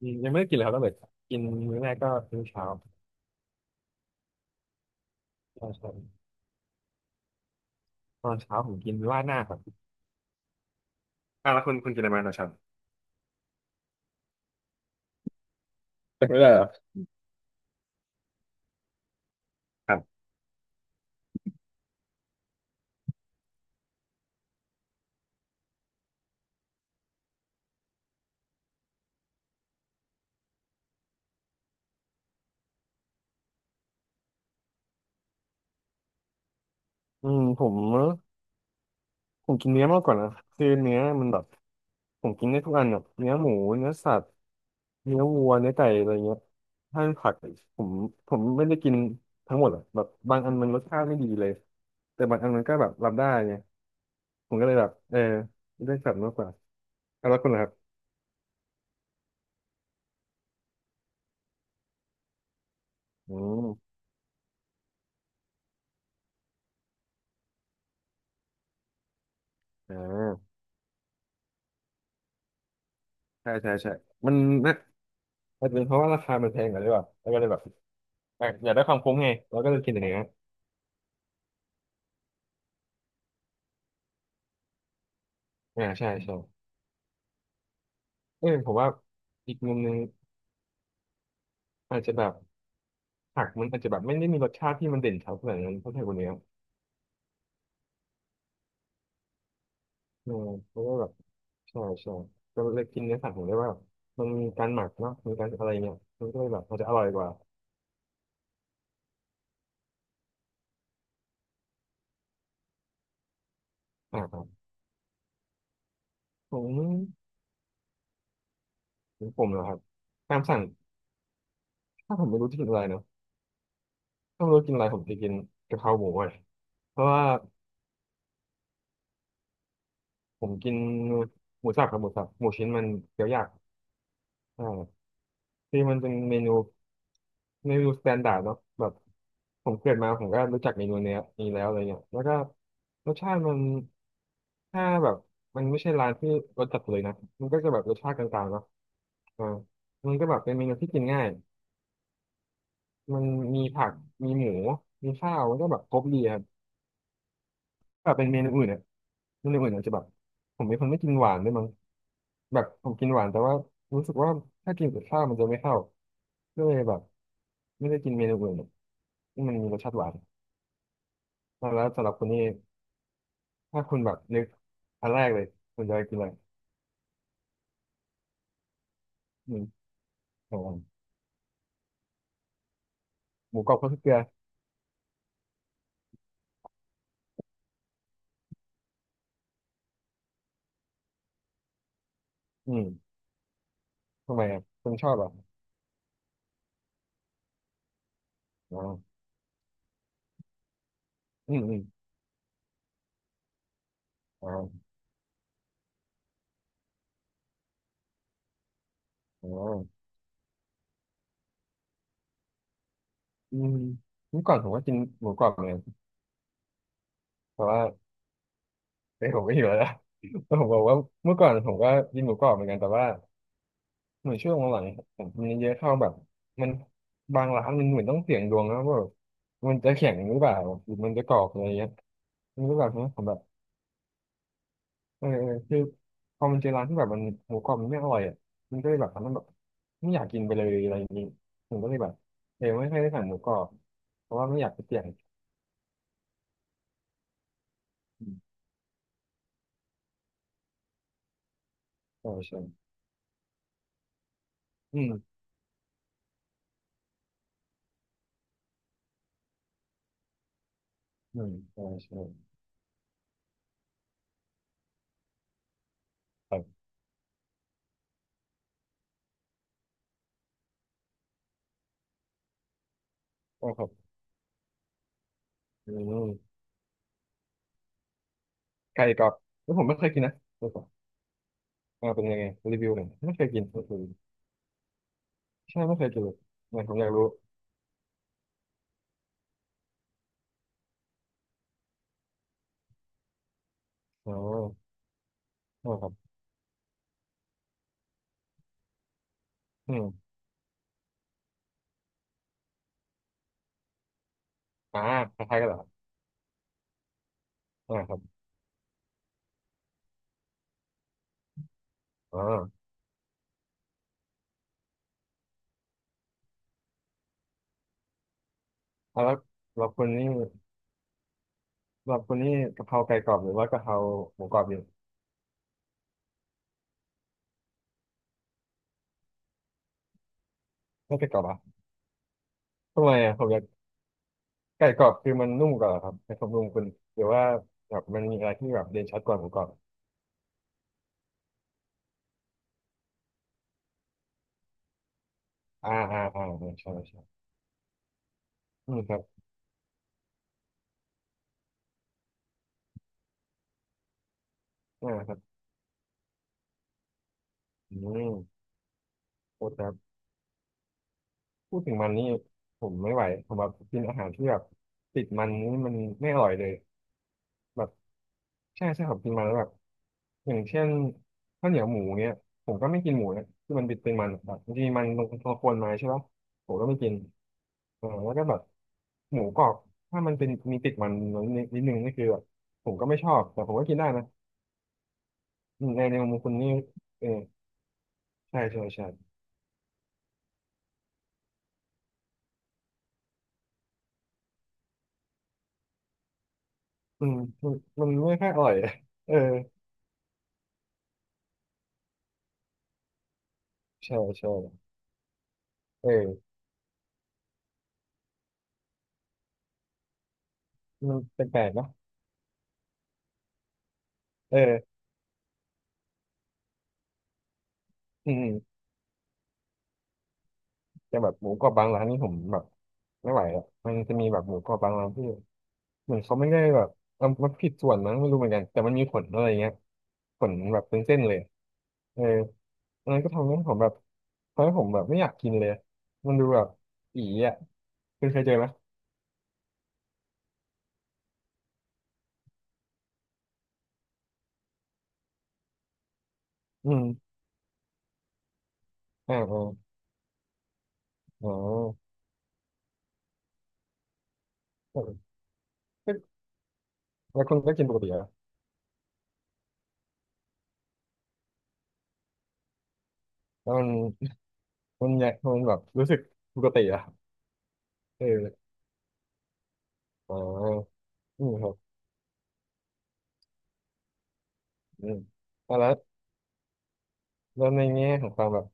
อืมยังไม่ได้กินเลยครับตั้งแต่กินมื้อแรกก็มื้อเช้าตอนเช้าตอนเช้าผมกินราดหน้าครับอ่ะแล้วคุณกินอะไรมาตอนเช้าแต่ไม่ได้เหรอครับอืมผมกินเนื้อมากกว่านะคือเนื้อมันแบบผมกินได้ทุกอันแบบเนื้อหมูเนื้อสัตว์เนื้อวัวเนื้อไก่อะไรเงี้ยถ้าเป็นผักผมผมไม่ได้กินทั้งหมดหรอกแบบบางอันมันรสชาติไม่ดีเลยแต่บางอันมันก็แบบรับได้ไงผมก็เลยแบบเออได้สัตว์มากกว่าอ่าแล้วคุณล่ะครับอืมอ่า ใช่ใช่ใช่มันนะอาจจะเป็นเพราะว่าราคามันแพงกว่าหรือเปล่าแล้วก็เลยแบบอ่ะอยากได้ความคุ้มไงเราก็เลยกินอย่างเงี้ยอ่าใช่ใช่เออผมว่าอีกมุมหนึงอาจจะแบบผักมันอาจจะแบบไม่ได้มีรสชาติที่มันเด่นเท่าขนาดนั้นเท่าไทยคนเนี้ยเออเพราะว่าแบบใช่ใช่ก็เลยกินเนื้อสัตว์ผมได้ว่ามันมีการหมักเนาะมีการอะไรเงี้ยมันก็เลยแบบมันจะอร่อยกว่าอ่าครับผมผมเหรอครับตามสั่งถ้าผมไม่รู้จะกินอะไรเนาะถ้าไม่รู้กินอะไรผมจะกินกะเพราหมูเลยเพราะว่า ผมกินหมูสับครับหมูสับหมูชิ้นมันเคี้ยวยากอ่าที่มันเป็นเมนูเมนูสแตนดาร์ดเนาะแบบผมเกิดมาผมก็รู้จักเมนูเนี้ยนี้แล้วอะไรเงี้ยแล้วก็รสชาติมันถ้าแบบมันไม่ใช่ร้านที่รสจัดเลยนะมันก็จะแบบรสชาติกลางๆเนาะอ่ามันก็แบบเป็นเมนูที่กินง่ายมันมีผักมีหมูมีข้าวมันก็แบบครบดีครับแบบเป็นเมนูอื่นเนี่ยเมนูอื่นอาจจะแบบผมเป็นคนไม่กินหวานด้วยมั้ง แบบผมกินหวานแต่ว่ารู้สึกว่าถ้ากินกับข้าวมันจะไม่เข้าก็เลยแบบไม่ได้กินเมนูอื่นที่มันมีรสชาติหวานแล้วสำหรับคุณนี่ถ้าคุณแบบนึกอันแรกเลยคุณจะกินอะไรอืมของผมหมูกรอบข้าวเกลืออืมทำไมอ่ะคุณชอบเหรอ่ะอ๋ออืมอืมอ๋ออ๋ออืมเมื่อก่อนผมก็กินหมูกรอบเหมือนกันแต่ว่าเอ้ยผมก็หิวแล้วนะ ผมบอกว่าเมื่อก่อนผมก็กินหมูกรอบเหมือนกันแต่ว่า เหมือนช่วงหลังๆผมมนเยอะเข้าแบบมันบางร้านมันเหมือนต้องเสี่ยงดวงนะว่าแบบมันจะแข็งหรือเปล่าหรือมันจะกรอบอะไรเงี้ยมันก็แบบนี้ผมแบบเออเออคือพอมันเจอร้านที่แบบมันหมูกรอบมันไม่อร่อยอ่ะมันก็เลยแบบทำให้แบบไม่อยากกินไปเลยอะไรอย่างงี้ผมก็เลยแบบเออไม่ค่อยได้สั่งหมูกรอบเพราะว่าไม่อยากไปเสี่ยงอืมใช่ใช่อืมอืมใช่ใช่ครับก็ครับอืมไก่กรอบแล้วผมไม่เคยกินนะไก่กรอบอ่าเป็นยังไงรีวิวหน่อยไม่เคยกิน ใช่ไม่เคยกินเลยเนี่ยผมอยากรู้อ๋ออ๋อครับอืมอ่าคล้ายๆกันเหรอครับอ่าครับอ๋ออ่าแล้วเราคนนี้เราคนนี้กะเพราไก่กรอบหรือว่ากะเพราหมูกรอบดีไม่ไก่กรอบอ่ะทำไมอ่ะผมอยากไก่กรอบคือมันนุ่มกว่าเหรอครับในความรู้คุณหรือว่าแบบมันมีอะไรที่แบบเด่นชัดกว่าหมูกรอบใช่ใช่อืมครับอ่าครับอืมโอ้ครับพูดถึงมันนี่ผมไม่ไหวผมแบบกินอาหารที่แบบติดมันนี่มันไม่อร่อยเลยแบบใช่ใช่ผมกินมาแล้วแบบ อย่างเช่นข้าวเหนียวหมูเนี้ยผมก็ไม่กินหมูนะที่มันเป็นมันแบบบางทีมันเรากวนมาใช่ปะผมก็ไม่กินเออแล้วก็แบบหมูกรอบถ้ามันเป็นมีติดมันนิดนึงนี่คือแบบผมก็ไม่ชอบแต่ผมก็กินได้นะอืมในมุมคุณนี่เออใช่ใช่ใช่อืมนมันมันไม่ค่อยอร่อย เออใช่ใช่เออมันแปลกๆเนอะเอออืมแต่แบบหมูกรอบบางร้านนี่ผมแบบไม่ไหวอ่ะมันจะมีแบบหมูกรอบบางร้านที่ เหมือนเขาไม่ได้แบบเอามันผิดส่วนมั้งไม่รู้เหมือนกันแต่มันมีขนอะไรเงี้ยขนแบบเป็นเส้นเลยเอออันนั้นก็ทำให้ผมแบบไม่อยากกินเลยมันดูแบบอีอ่ะคุณเคยเจอไหมอืมอ่าอ่าอ๋อแล้วคุณก็กินปกติเหรอแล้วมันมันอยากมันแบบรู้สึกปกติเหรอ่ะเอออ๋ออืมครับอืมอ่ะแล้วในแง่ของความแบบ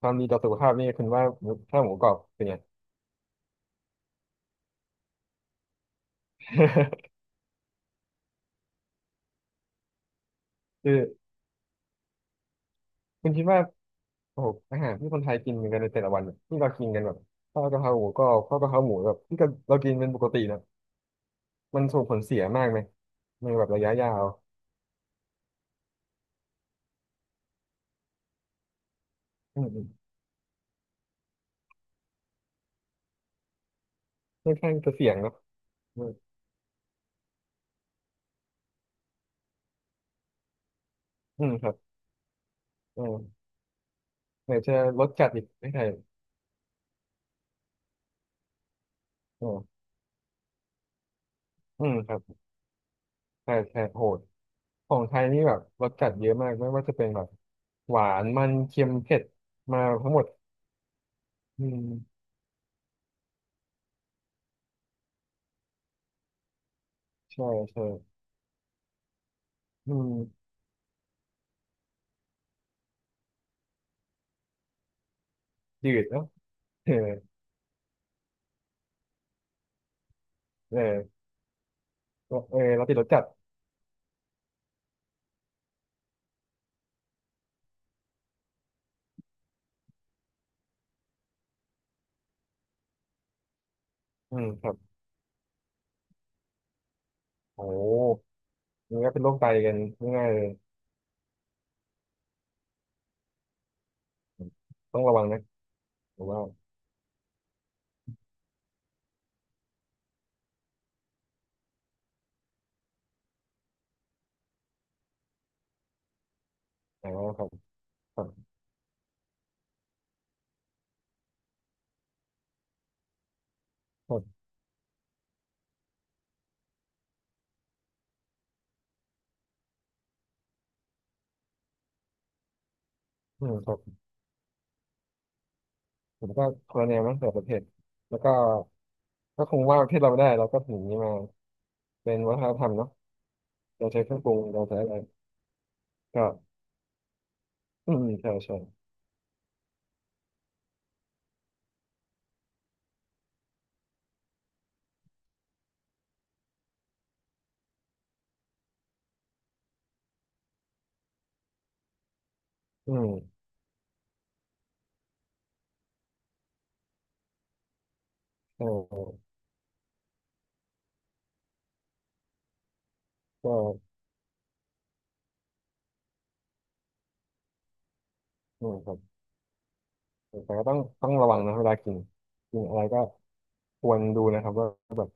ความดีต่อสุขภาพนี่คุณว่าหมูถ้าหมูกรอบเป็นไง คือคุณคิดว่า โอ้โหอาหารที่คนไทยกินกันในแต่ละวันเนี่ยที่เรากินกันแบบข้าวกะเพราหมูก็ข้าวกะเพราหมูแบบที่เรากินเป็นปกตินะมันส่งผลเสียมากไหมในแบบระยะยาวอืมอืมค่อนข้างจะเสี่ยงเนอะอืมอืมครับอืมไหนจะรสจัดอีกไม่ใช่อืมอืมครับใช่ใช่โหดของไทยนี่แบบรสจัดเยอะมากไม่ว่าจะเป็นแบบหวานมันเค็มเผ็ดมาทั้งหมดอืมใช่ใช่อืมจืดเนาะเออเออเออเราติดรสจัดอืมครับโอ้ มันก็เป็นโรคไตกันง่ายๆเลยต้องระวังนะผมว่าอ๋อครับครับครับอืมครับผมก็คนละแนวมั้งแต่ประเทศแล้วก็ก็คงว่าประเทศเราไม่ได้เราก็ถึงนี้มาเป็นวัฒนธรรมเนาะเราใช้เครื่องปรุงเราใช้อะไรก็อืมใช่ใช่อืมใช่ก็อืมครับแต่ก็ต้องระวังนะเวลากินกินอะไรก็ควรดูนะครับว่าแบบ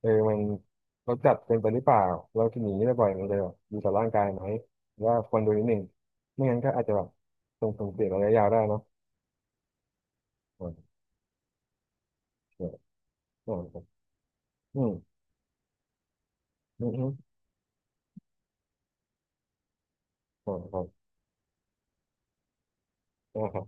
เออมันเราจัดเป็นไปหรือวปล่าเราจะหนีได้บ่อยมันเลยแีต่อร่างกายไหมว่าควรดูนิดหนึ่งไม่งั้นก็อาจจะแบบส่งผลเสียระยะยาวได้นะอืออืออืมอืมอืออือ